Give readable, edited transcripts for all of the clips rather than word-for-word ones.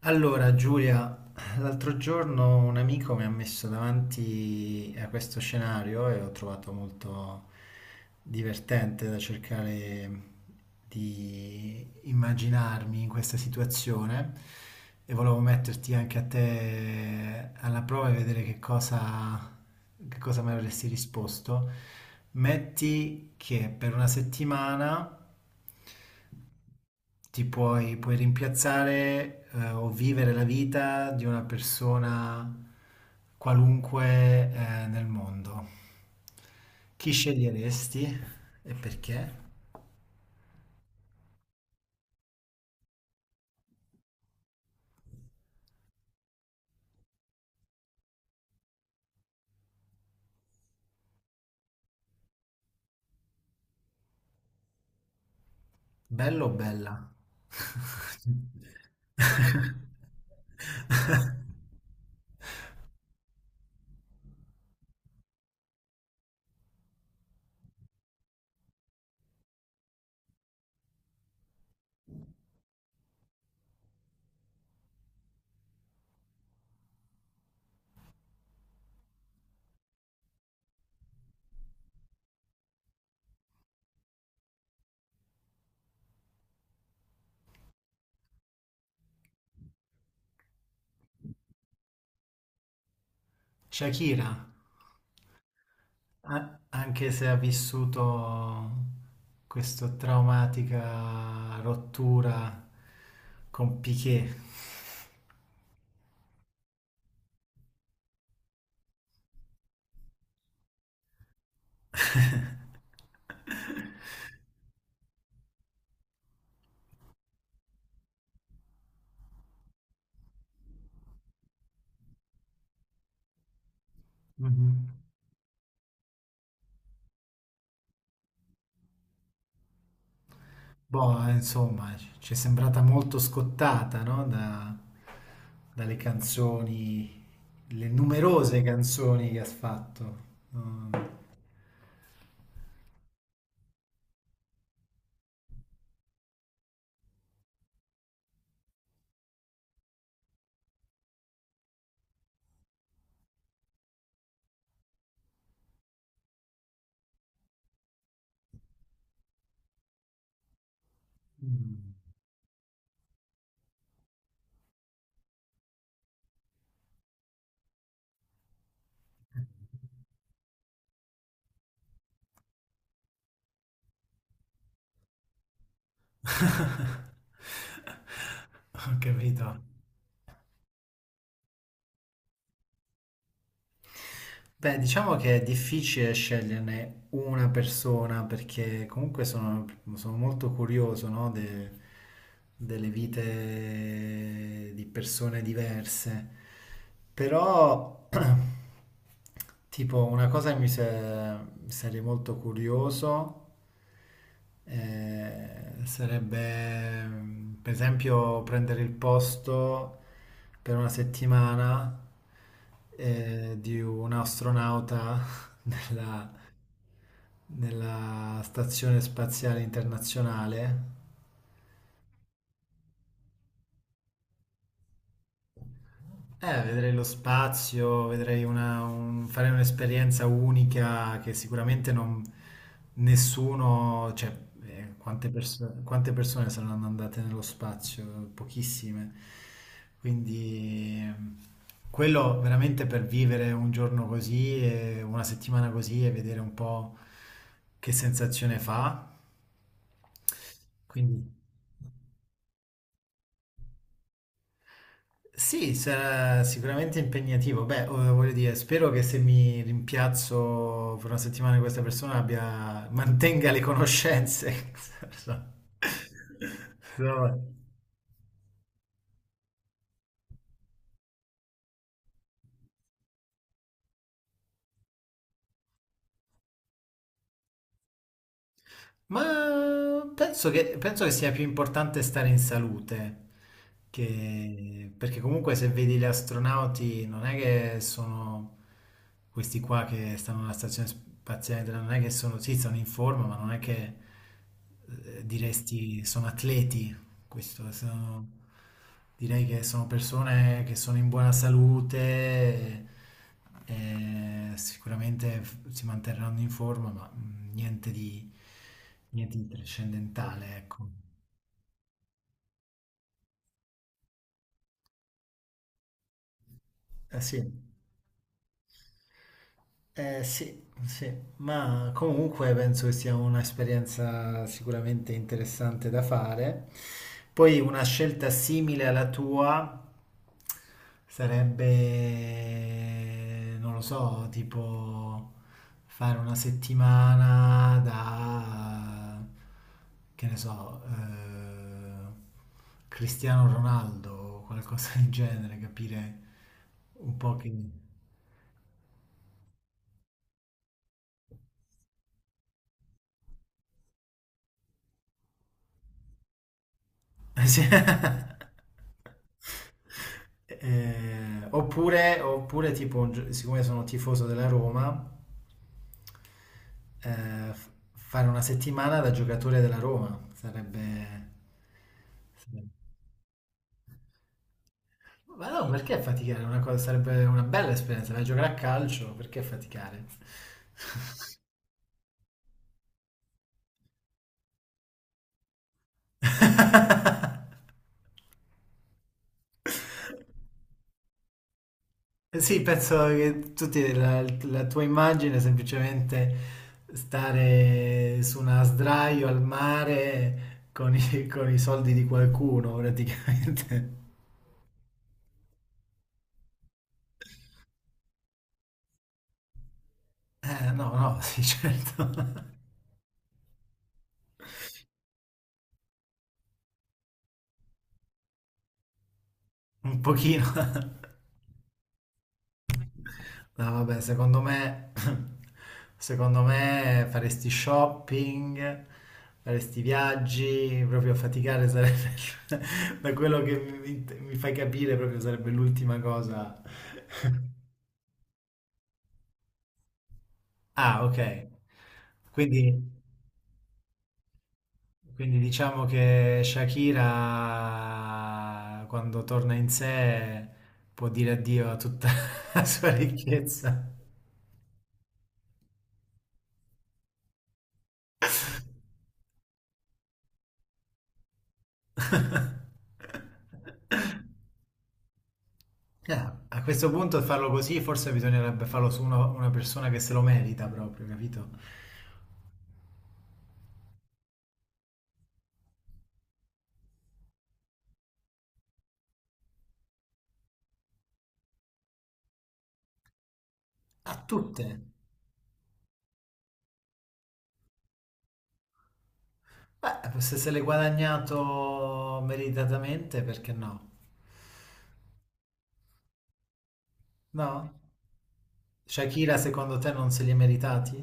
Allora, Giulia, l'altro giorno un amico mi ha messo davanti a questo scenario e l'ho trovato molto divertente da cercare di immaginarmi in questa situazione e volevo metterti anche a te alla prova e vedere che cosa mi avresti risposto. Metti che per una settimana puoi rimpiazzare o vivere la vita di una persona qualunque nel mondo. Chi sceglieresti e perché? Bello o bella? Shakira, anche se ha vissuto questa traumatica rottura con Piqué. Mhm. Boh, insomma, ci è sembrata molto scottata, no? Dalle canzoni, le numerose canzoni che ha fatto. Mm. Mm. Ho capito. Beh, diciamo che è difficile sceglierne una persona perché sono molto curioso, no, delle vite di persone diverse. Però, tipo, una cosa che sarei molto curioso sarebbe per esempio prendere il posto per una settimana di un astronauta nella, nella Stazione Spaziale Internazionale. Vedrei lo spazio, farei un'esperienza unica che sicuramente non, nessuno, cioè, quante persone saranno andate nello spazio? Pochissime. Quindi quello veramente per vivere un giorno così, e una settimana così e vedere un po' che sensazione fa. Quindi. Sì, sarà sicuramente impegnativo. Beh, voglio dire, spero che se mi rimpiazzo per una settimana di questa mantenga le conoscenze. No. Ma penso che sia più importante stare in salute, perché comunque se vedi gli astronauti non è che sono questi qua che stanno alla stazione spaziale, non è che sono, sì, sono in forma, ma non è che diresti sono atleti. Questo sono- Direi che sono persone che sono in buona e sicuramente si manterranno in forma, ma niente di trascendentale, ecco. Eh sì. Sì, sì, ma comunque penso che sia un'esperienza sicuramente interessante da fare. Poi una scelta simile alla tua sarebbe, non lo so, tipo fare una settimana che ne so, Cristiano Ronaldo o qualcosa del genere, capire un po' che... sì. Oppure tipo, siccome sono tifoso della Roma, fare una settimana da giocatore della Roma sarebbe... sarebbe. Ma no, perché faticare? Una cosa, sarebbe una bella esperienza, vai a giocare a calcio, perché faticare? Eh sì, penso che la tua immagine è semplicemente stare su una sdraio al mare con i soldi di qualcuno, praticamente. No, no, sì, certo. Un pochino. No, vabbè, secondo me, secondo me faresti shopping, faresti viaggi, proprio faticare sarebbe, da quello che mi fai capire, proprio sarebbe l'ultima cosa. Ah, ok. Quindi, quindi diciamo che Shakira, quando torna in sé, può dire addio a tutta la sua ricchezza. Ah, a questo punto farlo così, forse bisognerebbe farlo su una persona che se lo merita proprio, capito? A tutte. Beh, se se l'è guadagnato meritatamente, perché no? No? Shakira, secondo te non se li è meritati?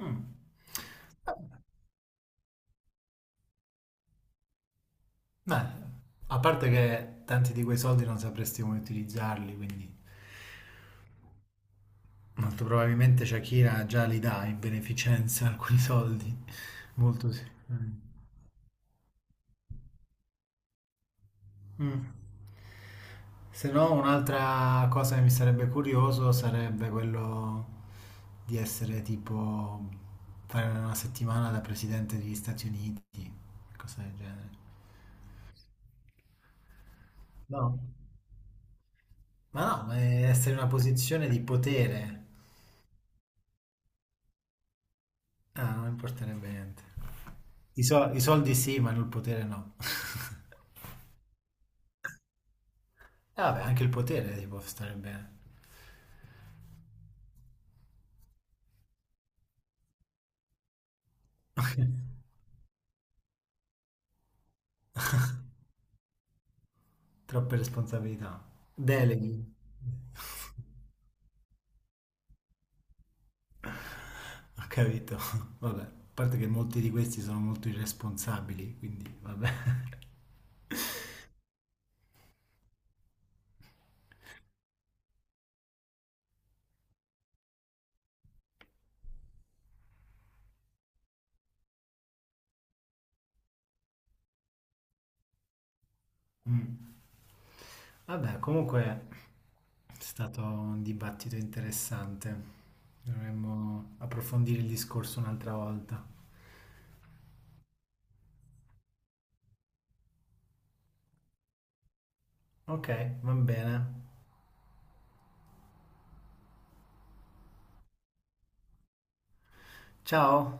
Mm. Beh, a parte che tanti di quei soldi non sapresti come utilizzarli, quindi molto probabilmente Shakira già li dà in beneficenza alcuni soldi. Molto sì. Mm. Mm. Se no, un'altra cosa che mi sarebbe curioso sarebbe quello di essere tipo fare una settimana da presidente degli Stati Uniti, cosa del genere. No, ma è essere in una posizione di potere. Ah, non importerebbe niente. I soldi sì, ma il potere no. E vabbè, anche il potere ti può stare bene. Troppe responsabilità. Deleghi. Ho capito. Vabbè, a parte che molti di questi sono molto irresponsabili, quindi vabbè. Mm. Vabbè, comunque è stato un dibattito interessante. Dovremmo approfondire il discorso un'altra volta. Ok, va bene. Ciao.